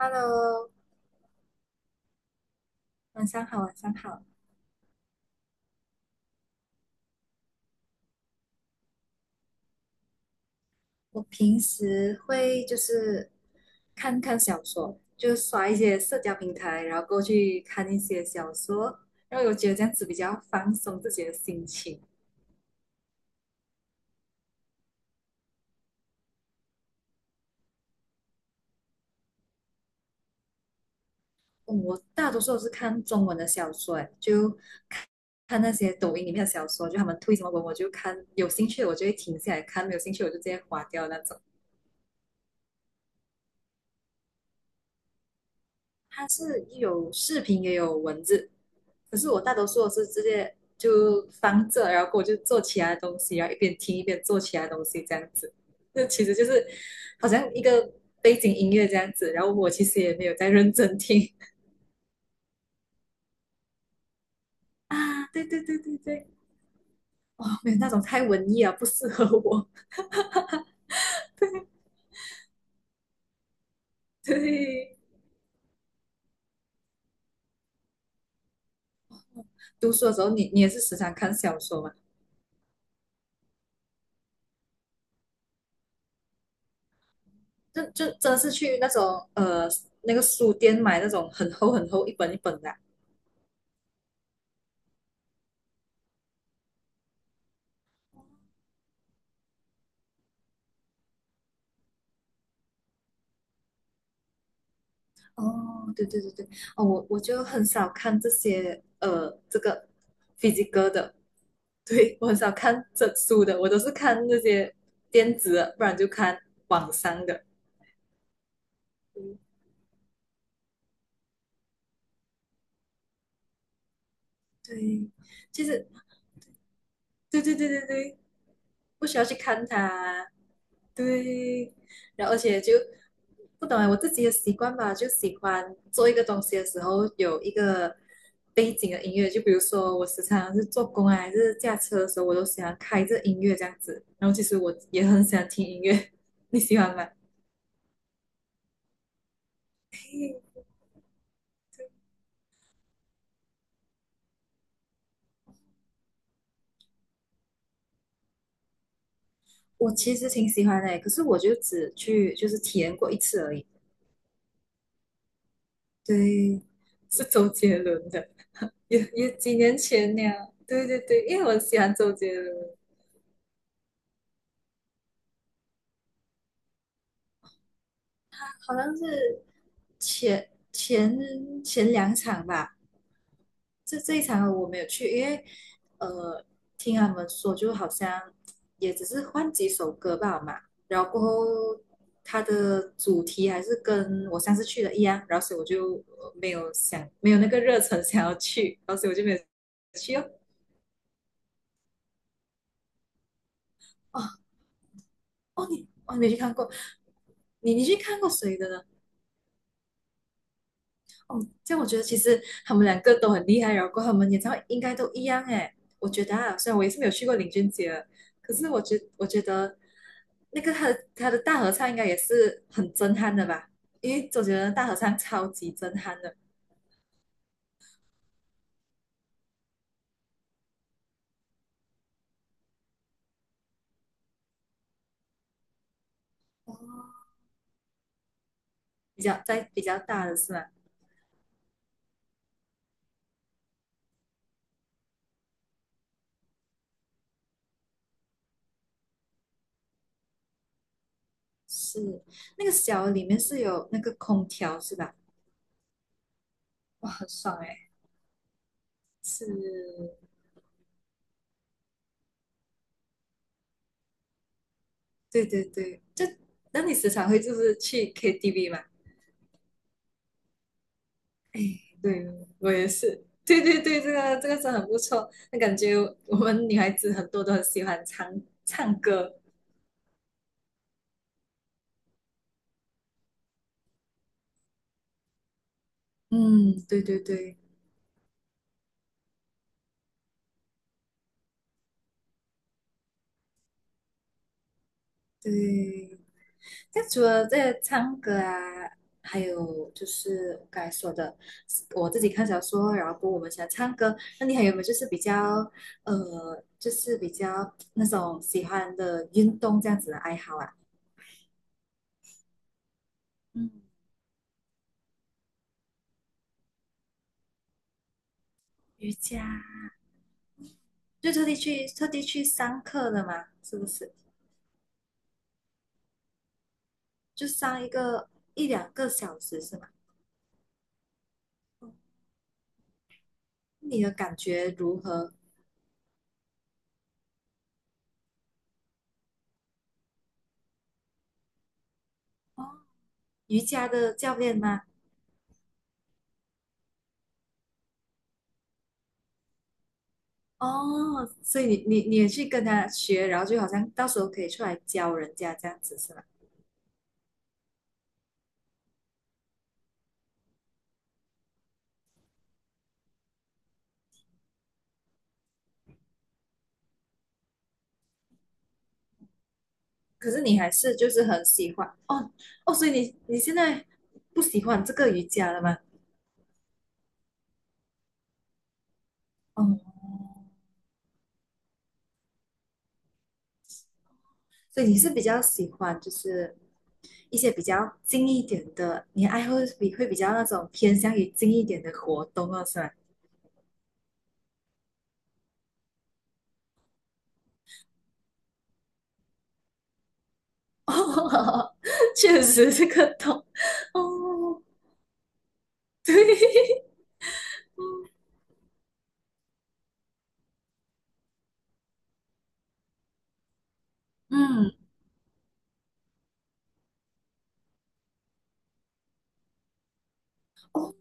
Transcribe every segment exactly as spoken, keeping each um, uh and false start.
Hello，晚上好，晚上好。我平时会就是看看小说，就刷一些社交平台，然后过去看一些小说，然后我觉得这样子比较放松自己的心情。嗯我大多数都是看中文的小说，诶，就看那些抖音里面的小说，就他们推什么文我就看，有兴趣我就会停下来看，没有兴趣我就直接划掉那种。它是有视频也有文字，可是我大多数是直接就放着，然后我就做其他东西，然后一边听一边做其他东西这样子。这其实就是好像一个背景音乐这样子，然后我其实也没有在认真听 啊。对对对对对，哦，没有那种太文艺啊，不适合我。对，读书的时候你你也是时常看小说嘛？就就真的是去那种呃那个书店买那种很厚很厚一本一本的啊哦，对对对对，哦，我我就很少看这些呃，这个飞机哥的，对，我很少看整书的，我都是看那些电子的，不然就看网上的。对，其实对对对对对，不需要去看它。对，然后而且就不懂啊，我自己的习惯吧，就喜欢做一个东西的时候有一个背景的音乐，就比如说我时常是做工啊，还是驾车的时候，我都喜欢开着音乐这样子。然后其实我也很喜欢听音乐，你喜欢吗？我其实挺喜欢的，可是我就只去就是体验过一次而已。对，是周杰伦的，也也几年前了。对对对，因为我很喜欢周杰伦。好像是前前前两场吧，这这一场我没有去，因为呃，听他们说就好像也只是换几首歌吧嘛，然后过后它的主题还是跟我上次去的一样，然后所以我就呃没有想没有那个热忱想要去，然后所以我就没有去哦。哦哦，你哦你没去看过，你你去看过谁的呢？哦，这样我觉得其实他们两个都很厉害，然后过后他们演唱会应该都一样诶。我觉得啊，虽然我也是没有去过林俊杰，可是我觉我觉得那个他的他的大合唱应该也是很震撼的吧？因为总觉得大合唱超级震撼的，比较在比较大的是吗？是那个小的里面是有那个空调是吧？哇，很爽诶。是，对对对，就那你时常会就是去 K T V 吗？对，我也是。对对对，这个这个是很不错。那感觉我们女孩子很多都很喜欢唱唱歌。嗯，对对对对。那除了这个唱歌啊，还有就是我刚才说的，我自己看小说，然后过后我们喜欢唱歌。那你还有没有就是比较呃，就是比较那种喜欢的运动这样子的爱好啊？嗯，瑜伽，就特地去特地去上课的嘛，是不是？就上一个一两个小时是吗？你的感觉如何？哦，瑜伽的教练吗？哦，所以你你你也去跟他学，然后就好像到时候可以出来教人家这样子是吗？可是你还是就是很喜欢哦哦，所以你你现在不喜欢这个瑜伽了吗？哦，所以你是比较喜欢就是一些比较静一点的，你爱好比会比较那种偏向于静一点的活动哦，是吗？哦，确实是个痛哦，对，嗯，哦，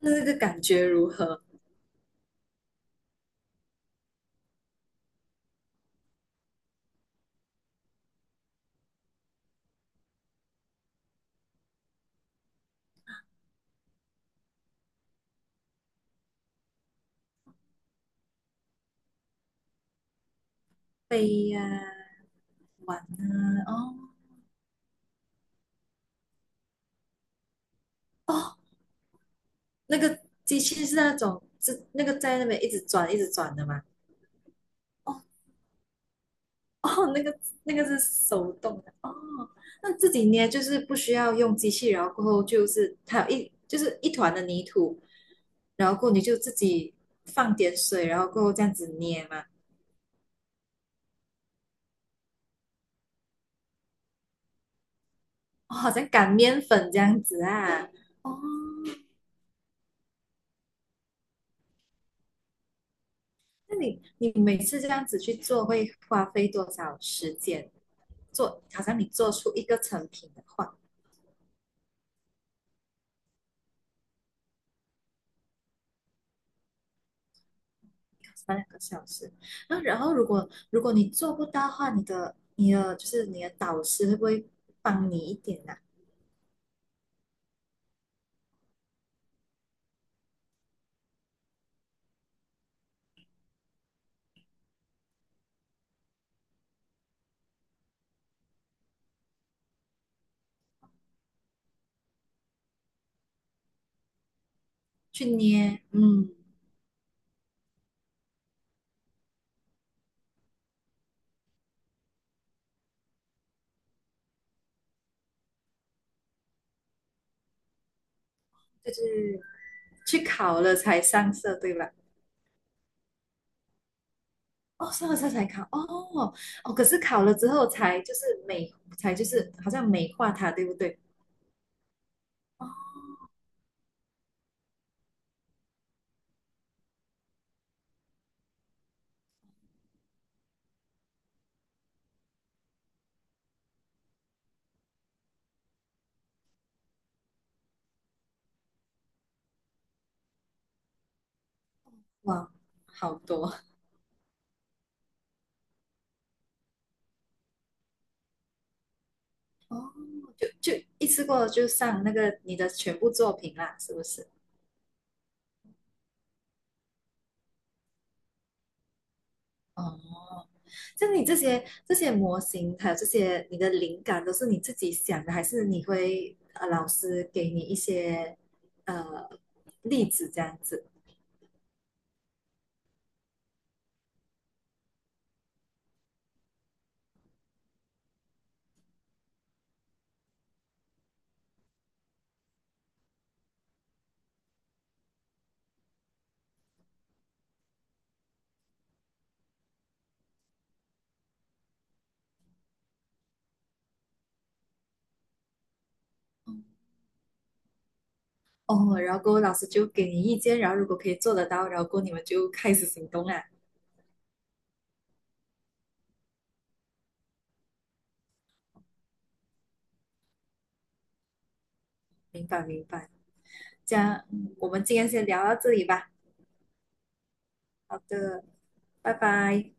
那这个感觉如何？飞呀、完了哦哦，那个机器是那种是那个在那边一直转一直转的吗？哦哦，那个那个是手动的哦，那自己捏就是不需要用机器，然后过后就是它有一就是一团的泥土，然后过后你就自己放点水，然后过后这样子捏嘛。哦，好像擀面粉这样子啊。哦，那你你每次这样子去做，会花费多少时间？做，好像你做出一个成品的话，要三两个小时。那然后如果如果你做不到的话，你的你的就是你的导师会不会帮你一点啊？去捏，嗯，就是去烤了才上色，对吧？哦，上了色才烤，哦哦，可是烤了之后才就是美，才就是好像美化它，对不对？哇，好多哦 就就一次过就上那个你的全部作品啦，是不是？哦，像你这些这些模型，还有这些你的灵感，都是你自己想的，还是你会呃老师给你一些呃例子这样子？哦，然后过后老师就给你意见，然后如果可以做得到，然后过后你们就开始行动啦。明白明白，这样嗯我们今天先聊到这里吧。好的，拜拜。